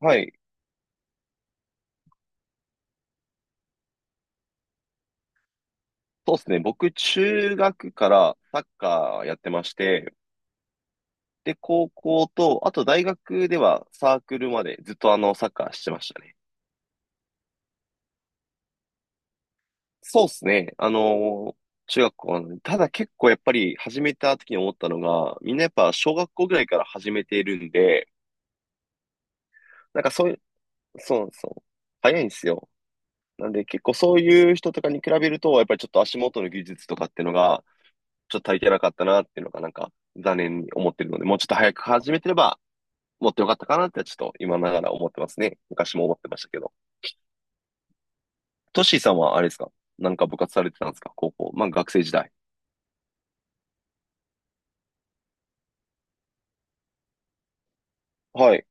はい。そうですね。僕、中学からサッカーやってまして、で、高校と、あと大学ではサークルまでずっとサッカーしてましたね。そうですね。中学校の、ただ結構やっぱり始めた時に思ったのが、みんなやっぱ小学校ぐらいから始めているんで、なんかそういう、そうそう、早いんですよ。なんで結構そういう人とかに比べると、やっぱりちょっと足元の技術とかっていうのが、ちょっと足りてなかったなっていうのがなんか残念に思ってるので、もうちょっと早く始めてれば、持ってよかったかなってちょっと今ながら思ってますね。昔も思ってましたけど。トッシーさんはあれですか？なんか部活されてたんですか？高校。まあ学生時代。はい。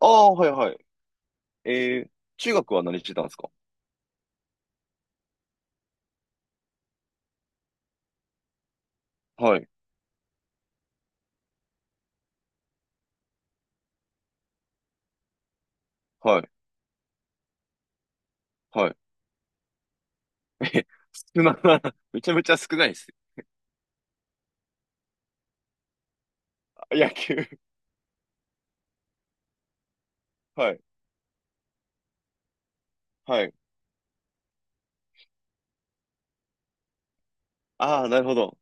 ああ、はいはい。えー、中学は何してたんですか？はい、はい、はい。え、少な、めちゃめちゃ少ないです。野球。はい、はい。ああ、なるほど。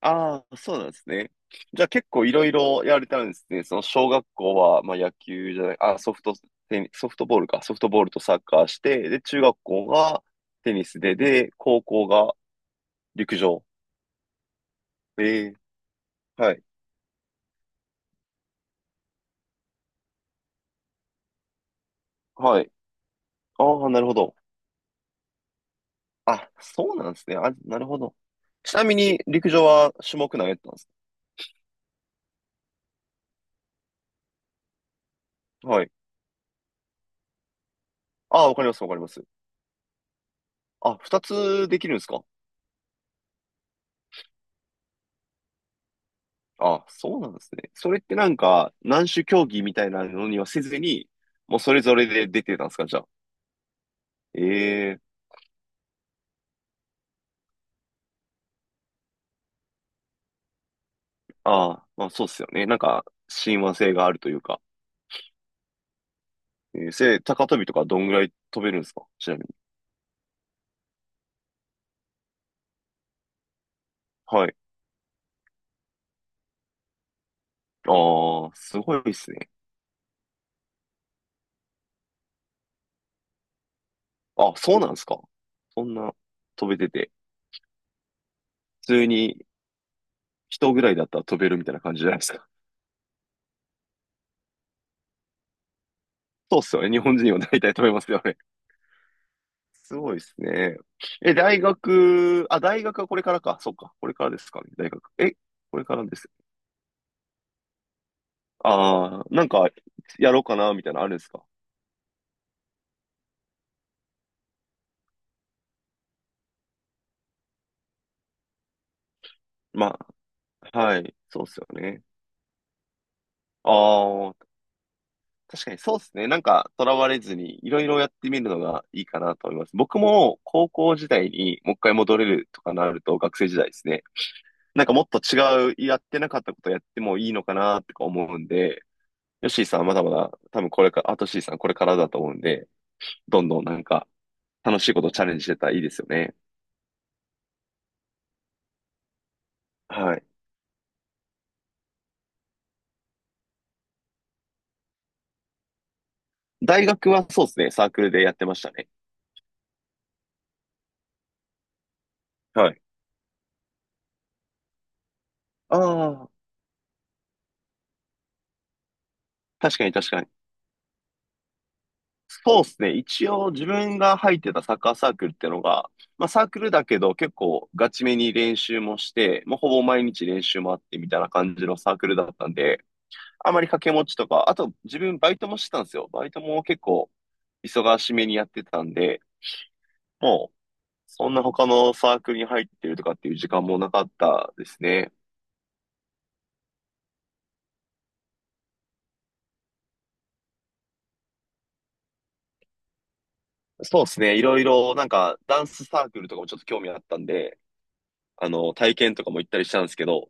ああ、そうなんですね。じゃあ結構いろいろやられたんですね。その小学校は、まあ、野球じゃない、あ、ソフトボールか、ソフトボールとサッカーして、で、中学校がテニスで、で、高校が陸上。ええ、はい。はい。ああ、なるほど。あ、そうなんですね。あ、なるほど。ちなみに陸上は種目何やってたんですか？はい。ああ、わかります、わかります。あ、二つできるんですか？あ、そうなんですね。それってなんか、何種競技みたいなのにはせずに、もうそれぞれで出てたんですか、じゃあ。ええ。ああ、まあそうっすよね。なんか、親和性があるというか。えー、高跳びとかどんぐらい飛べるんですか、ちなみに。はい。ああ、すごいですね。あ、そうなんですか。そんな飛べてて、普通に人ぐらいだったら飛べるみたいな感じじゃないですか。そうっすよね。日本人は大体飛べますよね。すごいですね。え、大学、あ、大学はこれからか。そっか。これからですかね。大学。え、これからです。ああ、なんか、やろうかな、みたいなのあるんですか？まあ、はい。そうっすよね。ああ、確かにそうっすね。なんか、とらわれずに、いろいろやってみるのがいいかなと思います。僕も、高校時代にもう1回戻れるとかなると、学生時代ですね。なんかもっと違う、やってなかったことやってもいいのかな、とか思うんで、ヨッシーさんはまだまだ、多分これから、あとシーさんこれからだと思うんで、どんどんなんか、楽しいことチャレンジしてたらいいですよね。はい。大学はそうですね、サークルでやってましたね。はい。ああ、確かに確かに。そうですね。一応自分が入ってたサッカーサークルってのが、まあサークルだけど結構ガチめに練習もして、もうほぼ毎日練習もあってみたいな感じのサークルだったんで、あまり掛け持ちとか、あと自分バイトもしてたんですよ。バイトも結構忙しめにやってたんで、もうそんな他のサークルに入ってるとかっていう時間もなかったですね。そうですね。いろいろ、なんか、ダンスサークルとかもちょっと興味あったんで、体験とかも行ったりしたんですけど、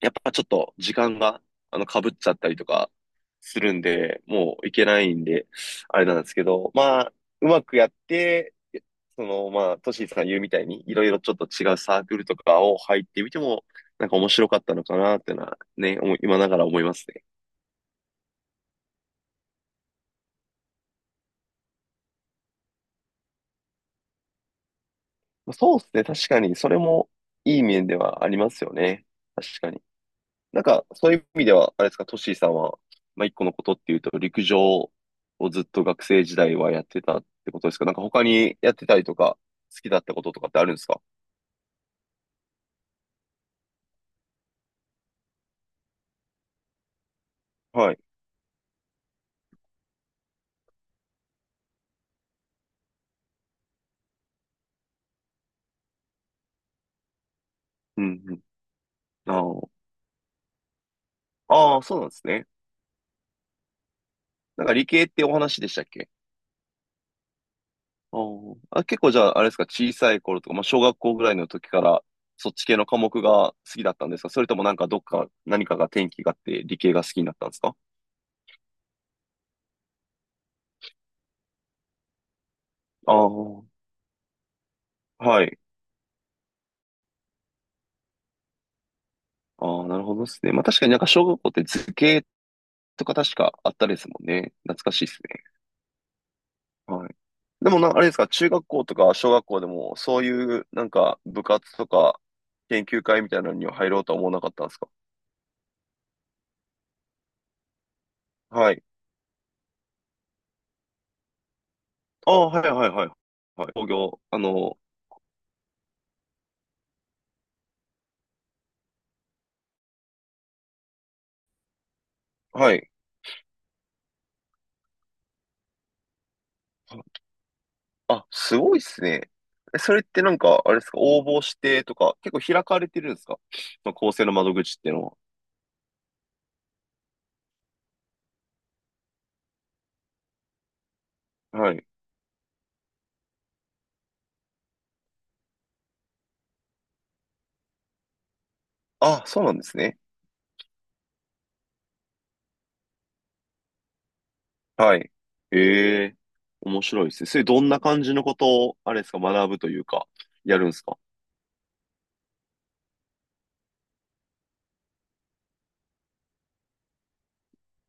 やっぱちょっと時間が、被っちゃったりとかするんで、もう行けないんで、あれなんですけど、まあ、うまくやって、その、まあ、トシーさん言うみたいに、いろいろちょっと違うサークルとかを入ってみても、なんか面白かったのかなっていうのは、ね、思い今ながら思いますね。まあそうですね。確かに、それもいい面ではありますよね。確かに。なんか、そういう意味では、あれですか、トシーさんは、まあ、1個のことっていうと、陸上をずっと学生時代はやってたってことですか？なんか他にやってたりとか、好きだったこととかってあるんですか？はい。うんうん。あーあー、そうなんですね。なんか理系ってお話でしたっけ？あーあ、結構じゃあ、あれですか、小さい頃とか、まあ、小学校ぐらいの時から、そっち系の科目が好きだったんですか？それともなんかどっか、何かが転機があって理系が好きになったんですか？ああー、はい。ああ、なるほどですね。まあ確かになんか小学校って図形とか確かあったですもんね。懐かしいですね。はい。でもな、あれですか、中学校とか小学校でも、そういうなんか部活とか研究会みたいなのには入ろうとは思わなかったんですか？はい。ああ、はいはいはい。はい。工業、はい。あ、すごいっすね。えそれってなんか、あれですか、応募してとか、結構開かれてるんですか？まあ、構成の窓口っていうのは。はい。あ、そうなんですね。はい。ええ、面白いですね。それどんな感じのことを、あれですか、学ぶというか、やるんですか？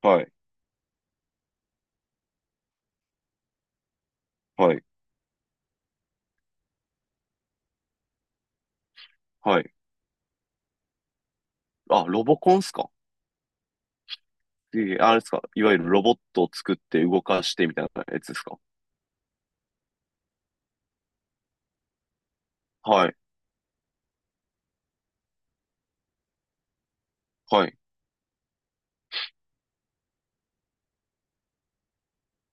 はい、はい、はい。あ、ロボコンですか？ええ、あれですか、いわゆるロボットを作って動かしてみたいなやつですか？はい、はい。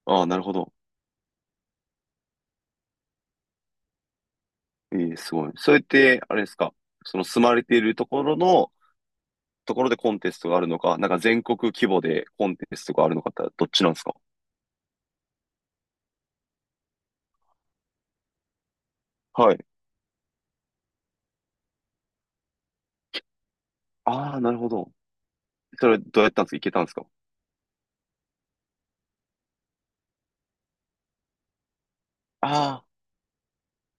ああ、なるほど。ええ、すごい。それって、あれですか、その住まれているところの、ところでコンテストがあるのか、なんか全国規模でコンテストがあるのかってどっちなんですか？はい。ああ、なるほど。それどうやったんですか？いけたんですか？あ、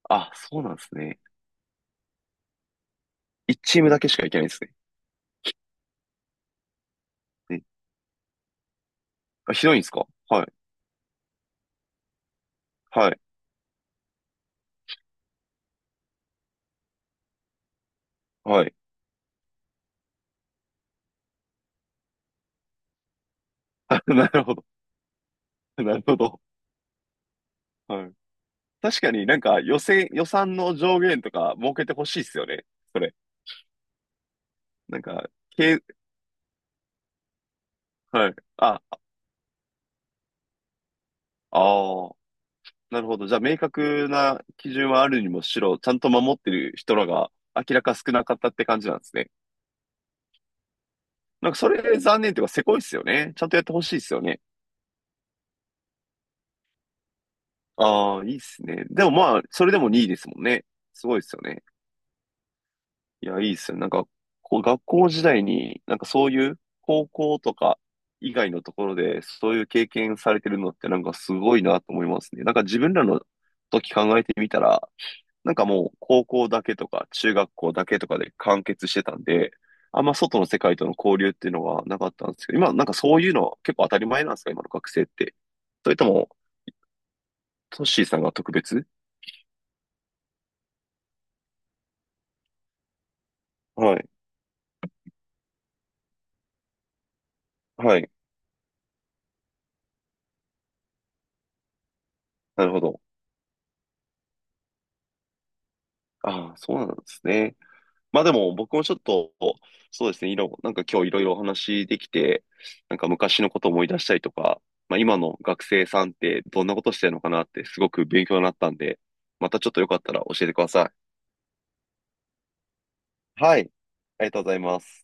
ああ、そうなんですね。1チームだけしか行けないですね。うん。あ、ひどいんですか？はい。はい。はい。あ、 なるほど。なるほど。はい。確かになんか予選、予算の上限とか設けてほしいっすよね。それ。なんか、はい。あ、ああ、なるほど。じゃあ明確な基準はあるにもしろ、ちゃんと守ってる人らが明らか少なかったって感じなんですね。なんかそれ残念っていうか、せこいっすよね。ちゃんとやってほしいっすよね。ああ、いいっすね。でもまあ、それでも2位ですもんね。すごいっすよね。いや、いいっすよ。なんか、こう、学校時代に、なんかそういう高校とか以外のところで、そういう経験されてるのって、なんかすごいなと思いますね。なんか自分らの時考えてみたら、なんかもう高校だけとか中学校だけとかで完結してたんで、あんま外の世界との交流っていうのはなかったんですけど、今なんかそういうのは結構当たり前なんですか、今の学生って。それとも、トッシーさんが特別。はい。はい。なるほど。ああ、そうなんですね。まあでも僕もちょっと、そうですね、なんか今日いろいろお話できて、なんか昔のことを思い出したりとか、まあ今の学生さんってどんなことしてるのかなってすごく勉強になったんで、またちょっとよかったら教えてください。はい。ありがとうございます。